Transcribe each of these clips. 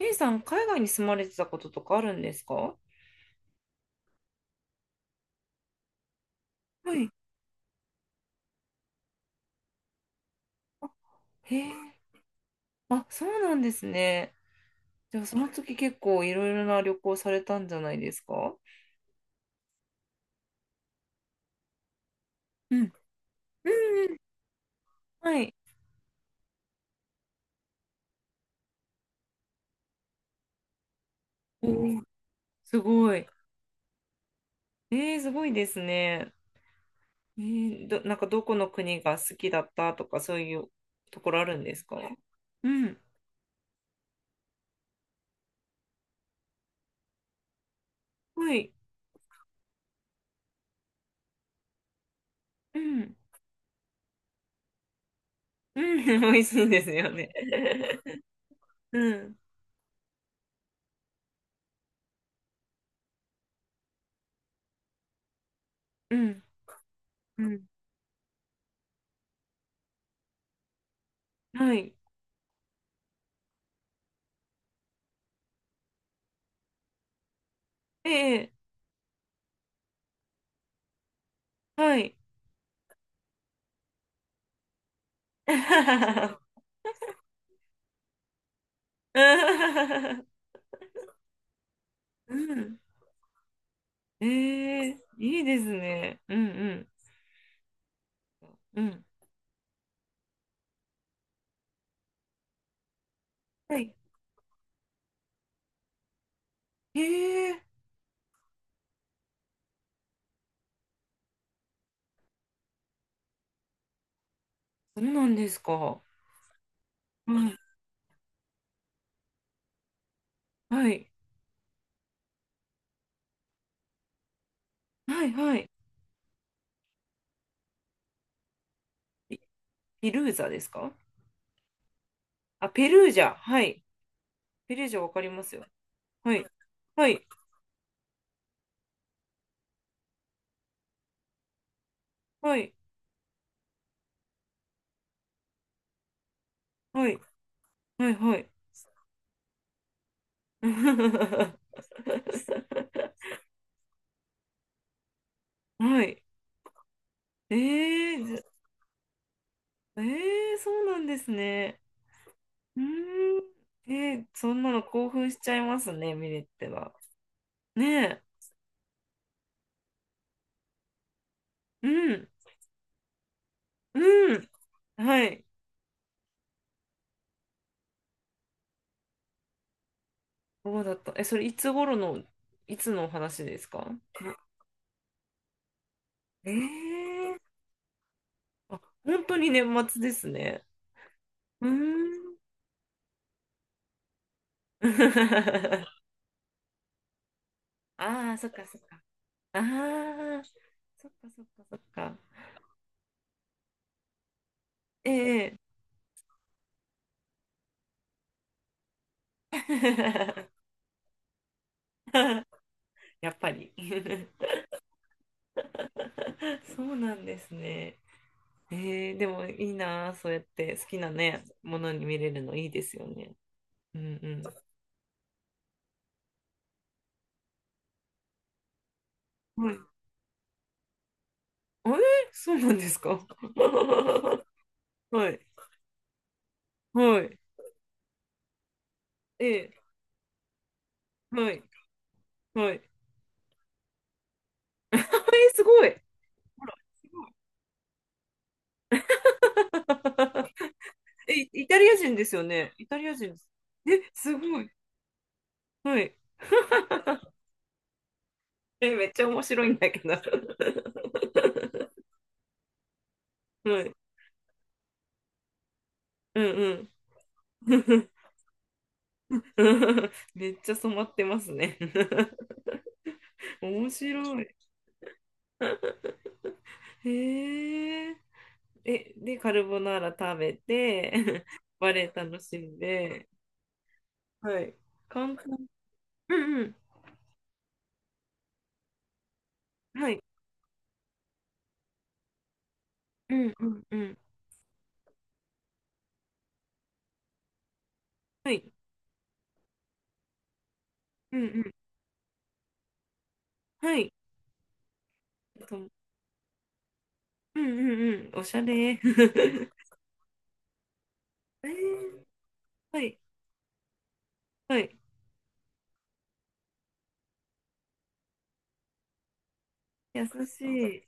A さん、海外に住まれてたこととかあるんですか？はい。へえ、あ、そうなんですね。じゃあ、その時結構いろいろな旅行されたんじゃないですか？うん。うんうん。はい。おー、すごい。えー、すごいですね。えー、ど、なんかどこの国が好きだったとか、そういうところあるんですか？うん。はい。うん。うん。美味しいんですよね。うん。うん。うん。はい。ええ、はい。うん。ええ、いいですね。うんうん。うん。はい。ええ、そうなんですか。はい。はい。はいはい。ピ、ピルーザですか？あ、ペルージャ。はい。ペルージャわかりますよ。はい。はい。はい。はい。はい。はい。はい。ええ、ず、ええ、そうなんですね。うーん。ええ、そんなの興奮しちゃいますね、ミレッテは。ねえ。うん、うん。はい。そうだった。え、それいつ頃の、いつのお話ですか？ええー、本当に年末ですね。うーん。ああ、そっかそっか。ああ、そっかそっかそっか。ええ やっぱり そうなんですね。えー、でもいいなあ、そうやって好きなね、ものに見れるのいいですよね。うんうん。えー、そうなんですか？ はい。はい。ええ、はい。はい。えー、すごい。ほら、すごい。 え、イタリア人ですよね。イタリア人です。え、すごい。はい。え、めっちゃ面白いんだけど。はい。うんうん。めっちゃ染まってますね。面白い。へえ。え、で、カルボナーラ食べて、バレエ楽しんで、はい。簡単。うんうん。はい。うんうんうん。はい。うんうん。はい。あと、うんうんうん。おしゃれ。えー、はい。はい。優しい。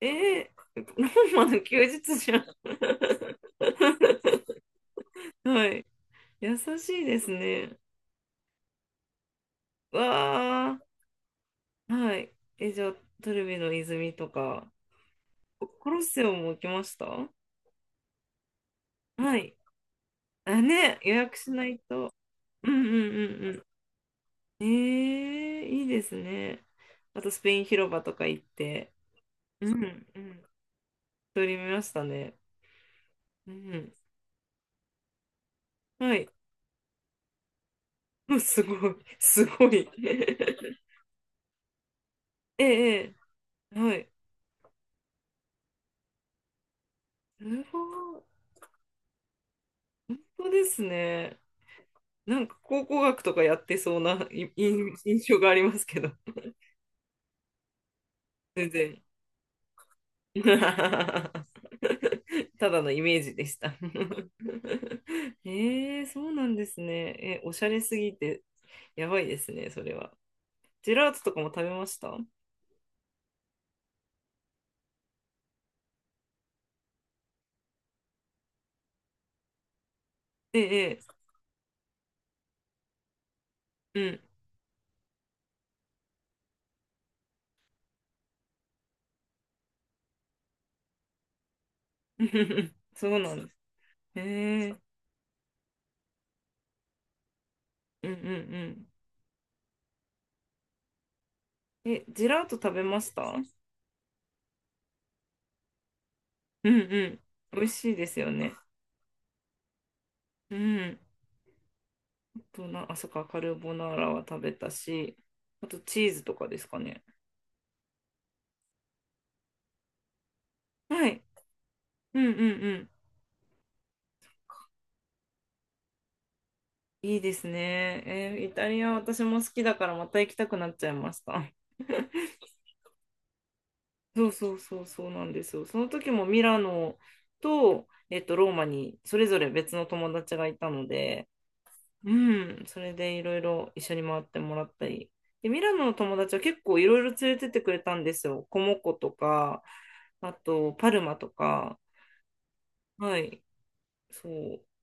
えー、ローマの休日じゃん。はい。優しいですね。わー。はい。え、じゃあ、トルビの泉とか、ココロッセオも来ました？はい。あ、ね、予約しないと。うんうんうんうん。ええ、いいですね。あとスペイン広場とか行って、うん、うん、撮りましたね。うん、はい。うん、すごい、すごい。ええ、ええ、はい。すごい、そうですね。なんか考古学とかやってそうない印、印象がありますけど、全然。ただのイメージでした。ええ、そうなんですね。え、おしゃれすぎて、やばいですね、それは。ジェラートとかも食べました？ええ、ええ、うん。そうなんです。ええ、うんうんうん。え、ジェラート食べました？うんうん。美味しいですよね。うん。あとな、あ、そっか、カルボナーラは食べたし、あとチーズとかですかね。はい。うんうんうん。いいですね。えー、イタリア私も好きだからまた行きたくなっちゃいました。そうそうそうそうなんですよ。その時もミラノと、ローマにそれぞれ別の友達がいたので、うん、それでいろいろ一緒に回ってもらったり。で、ミラノの友達は結構いろいろ連れてってくれたんですよ。コモコとか、あとパルマとか。はい、そ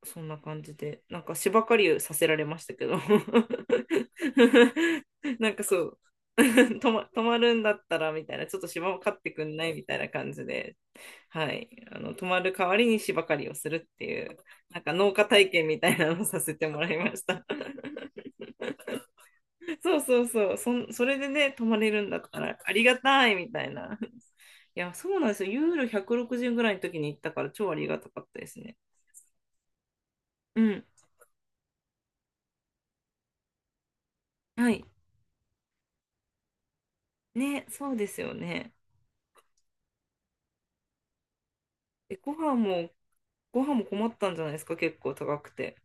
う、そんな感じで。なんか芝刈りをさせられましたけど。なんかそう。泊ま、泊まるんだったらみたいな、ちょっと芝を刈ってくんないみたいな感じで、はい、あの泊まる代わりに芝刈りをするっていうなんか農家体験みたいなのをさせてもらいました。 そうそうそうそん、それでね、泊まれるんだったらありがたいみたいな。いや、そうなんですよ、ユーロ160ぐらいの時に行ったから超ありがたかったですね。うん、はい。ね、そうですよね。え、ご飯も、ご飯も困ったんじゃないですか、結構高くて。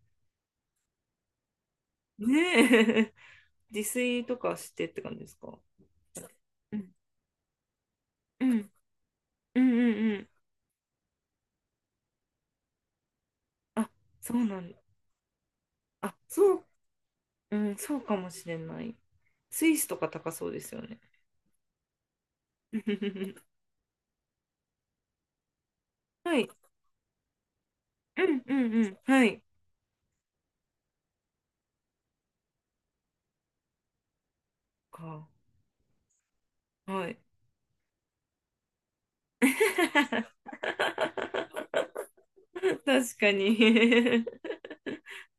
ねえ。 自炊とかしてって感じですか？うんうんうんうんうん。あ、そうなん、あ、そう、うん、そうかもしれない。スイスとか高そうですよね。はい。うんうんうん。はい。か。はい。確かに。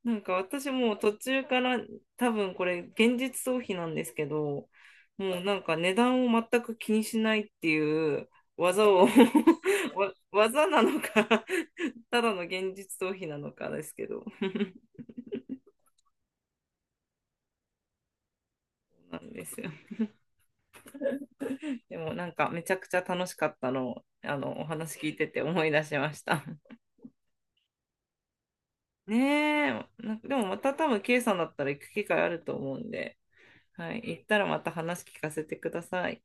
なんか私もう途中から、多分これ現実逃避なんですけど、もうなんか値段を全く気にしないっていう技を。 わ、技なのかただの現実逃避なのかですけど。 なんですよ。でもなんかめちゃくちゃ楽しかったのをあのお話聞いてて思い出しました。 ねえ、なんかでもまた多分 K さんだったら行く機会あると思うんで、はい、行ったらまた話聞かせてください。